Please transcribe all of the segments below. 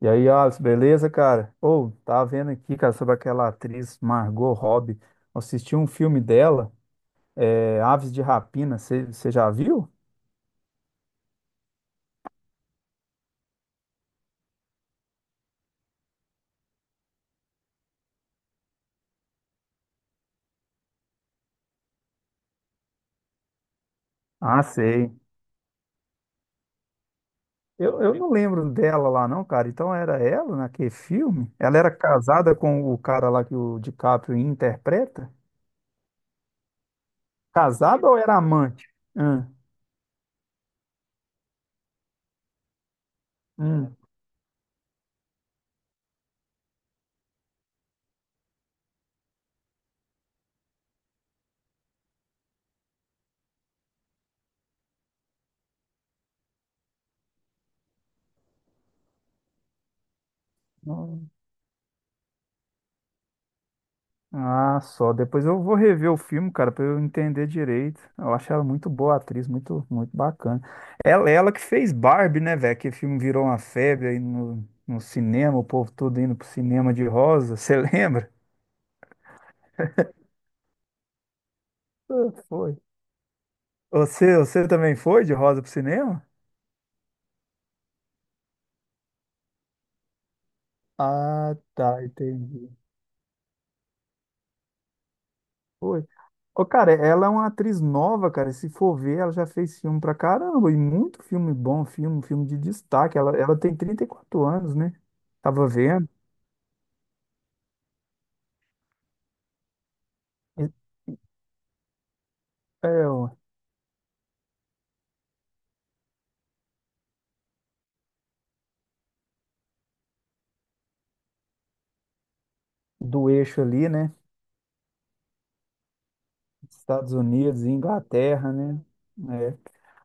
E aí, Alice, beleza, cara? Ou, tava vendo aqui, cara, sobre aquela atriz Margot Robbie. Assisti um filme dela, Aves de Rapina, você já viu? Ah, sei. Eu não lembro dela lá, não, cara. Então era ela naquele filme? Ela era casada com o cara lá que o DiCaprio interpreta? Casada ou era amante? Hum, hum. Ah, só. Depois eu vou rever o filme, cara, pra eu entender direito. Eu acho ela muito boa atriz, muito, muito bacana. Ela que fez Barbie, né, velho? Que o filme virou uma febre aí no cinema, o povo todo indo pro cinema de rosa. Você lembra? Ah, foi. Você também foi de rosa pro cinema? Ah, tá, entendi. Foi. Ô, cara, ela é uma atriz nova, cara. Se for ver, ela já fez filme pra caramba. E muito filme bom, filme de destaque. Ela tem 34 anos, né? Tava vendo. É, é, o- do eixo ali, né? Estados Unidos, Inglaterra, né? É.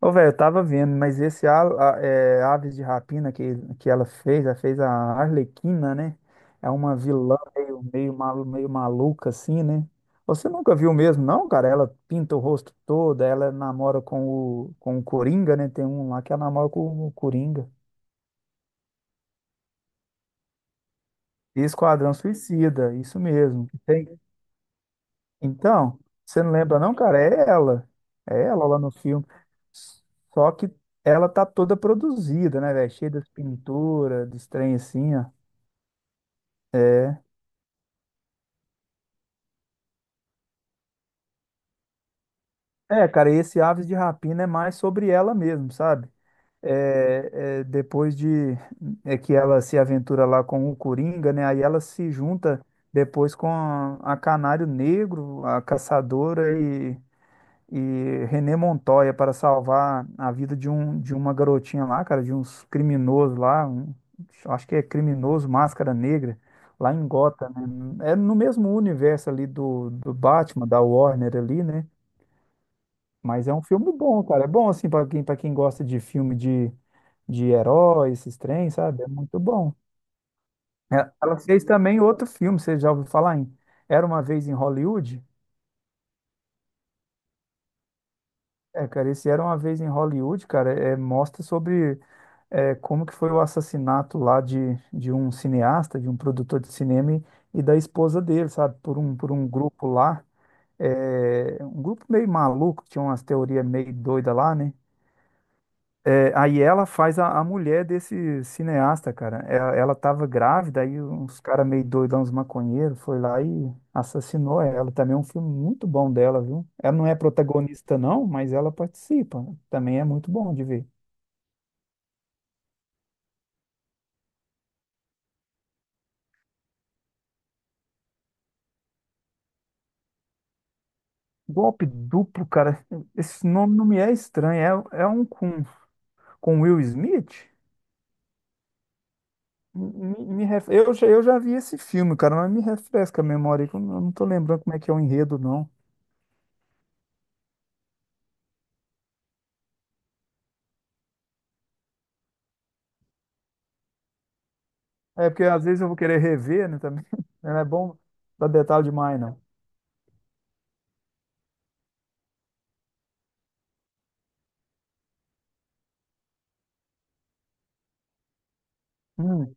Ô, velho, eu tava vendo, mas esse Aves de Rapina que ela fez, a Arlequina, né? É uma vilã meio maluca, assim, né? Você nunca viu mesmo, não, cara? Ela pinta o rosto todo, ela namora com o Coringa, né? Tem um lá que ela namora com o Coringa. Esquadrão Suicida, isso mesmo. Tem. Então, você não lembra não, cara? É ela. É ela lá no filme. Só que ela tá toda produzida, né, velho? Cheia das pinturas, dos trem assim, ó. Cara, e esse Aves de Rapina é mais sobre ela mesmo, sabe? Depois de é que ela se aventura lá com o Coringa, né? Aí ela se junta depois com a Canário Negro, a Caçadora e René Montoya para salvar a vida de, um, de uma garotinha lá, cara, de uns criminosos lá, acho que é criminoso Máscara Negra, lá em Gotham, né? É no mesmo universo ali do Batman, da Warner ali, né? Mas é um filme bom, cara. É bom, assim, para quem, gosta de filme de herói, esses trem, sabe? É muito bom. Ela fez também outro filme, você já ouviu falar em Era Uma Vez em Hollywood? É, cara, esse Era Uma Vez em Hollywood, cara, mostra sobre como que foi o assassinato lá de um cineasta, de um produtor de cinema e da esposa dele, sabe? por um grupo lá, um grupo meio maluco, que tinha umas teorias meio doida lá, né? Aí ela faz a mulher desse cineasta, cara. Ela tava grávida, aí uns caras meio doidão, uns maconheiros, foi lá e assassinou ela. Também é um filme muito bom dela, viu? Ela não é protagonista, não, mas ela participa. Também é muito bom de ver. Golpe duplo, cara. Esse nome não me é estranho. É um com Will Smith? Me ref- eu, já- Eu já vi esse filme, cara, mas me refresca a memória, que eu não tô lembrando como é que é o enredo, não. É porque às vezes eu vou querer rever, né, também. Não é bom dar detalhe demais, não. Hum.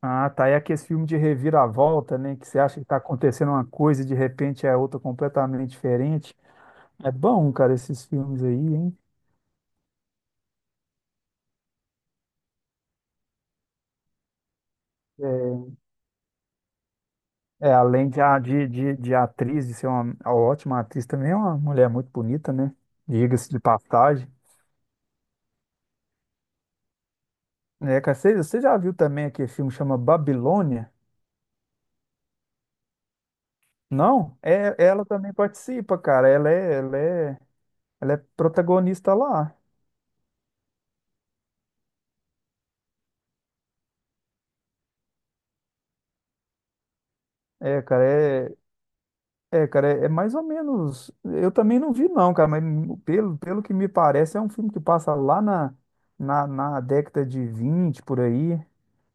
Ah, tá. É aquele filme de reviravolta, né? Que você acha que tá acontecendo uma coisa e de repente é outra completamente diferente. É bom, cara, esses filmes aí, hein? É. É, além de atriz, de ser uma ótima atriz, também é uma mulher muito bonita, né? Diga-se de passagem. É, cara, você já viu também aquele filme que chama Babilônia? Não? É, ela também participa, cara. Ela é protagonista lá. É, cara, é, É, cara, é mais ou menos. Eu também não vi, não, cara, mas pelo que me parece, é um filme que passa lá na década de 20 por aí.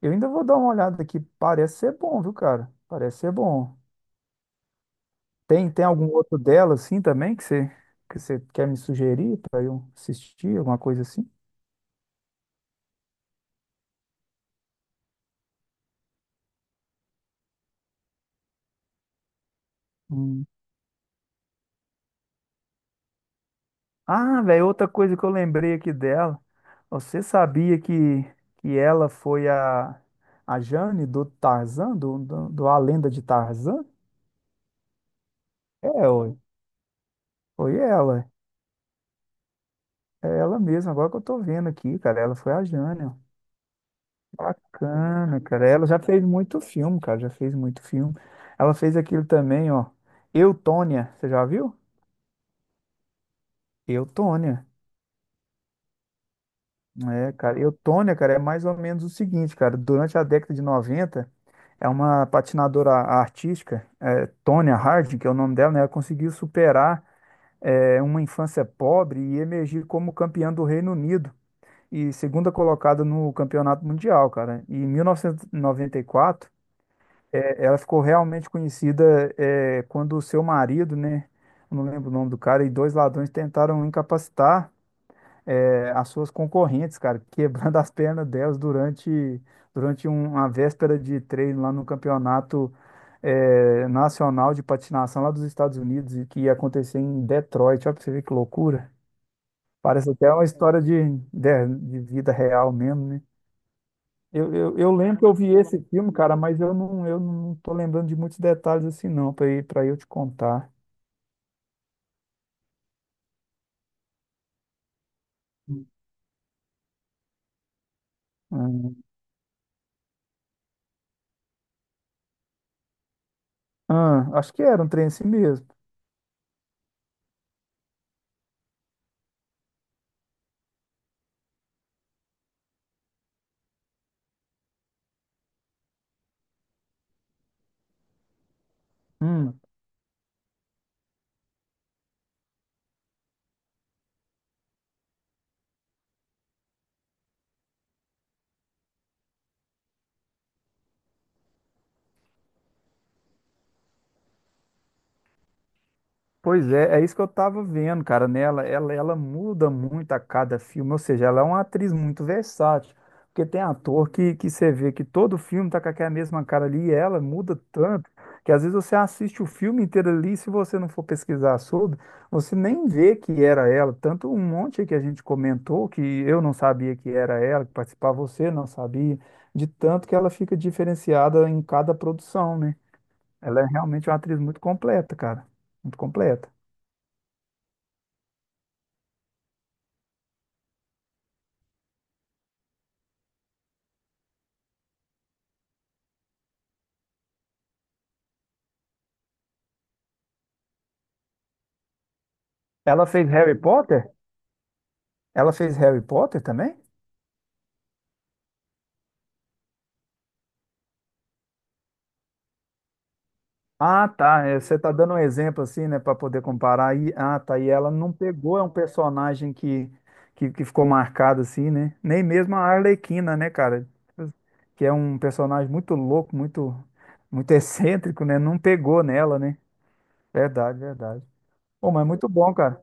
Eu ainda vou dar uma olhada aqui. Parece ser bom, viu, cara? Parece ser bom. Tem algum outro dela, assim, também, que você quer me sugerir para eu assistir, alguma coisa assim? Hum. Ah, velho, outra coisa que eu lembrei aqui dela. Você sabia que ela foi a Jane do Tarzan, do A Lenda de Tarzan? Ué, foi ela. É ela mesma, agora que eu tô vendo aqui, cara. Ela foi a Jane, ó. Bacana, cara. Ela já fez muito filme, cara. Já fez muito filme. Ela fez aquilo também, ó. Eu, Tônia. Você já viu? Eu, Tônia. É, cara, Eutônia, cara, é mais ou menos o seguinte, cara, durante a década de 90, é uma patinadora artística, Tonya Harding, que é o nome dela, né, ela conseguiu superar uma infância pobre e emergir como campeã do Reino Unido e segunda colocada no Campeonato Mundial, cara. Em 1994, ela ficou realmente conhecida quando o seu marido, né, eu não lembro o nome do cara, e dois ladrões tentaram incapacitar as suas concorrentes, cara, quebrando as pernas delas durante, uma véspera de treino lá no campeonato nacional de patinação lá dos Estados Unidos, e que ia acontecer em Detroit. Olha pra você ver que loucura. Parece até uma história de vida real mesmo, né? Eu lembro que eu vi esse filme, cara, mas eu não tô lembrando de muitos detalhes assim, não, para eu te contar. Hum. Ah, acho que era um trem assim mesmo. Hum. Pois é, é isso que eu tava vendo, cara, nela. Ela muda muito a cada filme, ou seja, ela é uma atriz muito versátil. Porque tem ator que você vê que todo filme tá com aquela mesma cara ali e ela muda tanto que às vezes você assiste o filme inteiro ali e se você não for pesquisar sobre, você nem vê que era ela. Tanto um monte que a gente comentou que eu não sabia que era ela, que participava, você não sabia, de tanto que ela fica diferenciada em cada produção, né? Ela é realmente uma atriz muito completa, cara. Muito completa. Ela fez Harry Potter? Ela fez Harry Potter também? Ah, tá. Você tá dando um exemplo assim, né, para poder comparar. E, ah, tá. E ela não pegou, é um personagem que, que ficou marcado assim, né? Nem mesmo a Arlequina, né, cara? Que é um personagem muito louco, muito, muito excêntrico, né? Não pegou nela, né? Verdade, verdade. Pô, mas muito bom, cara.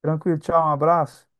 Tranquilo, tchau, um abraço.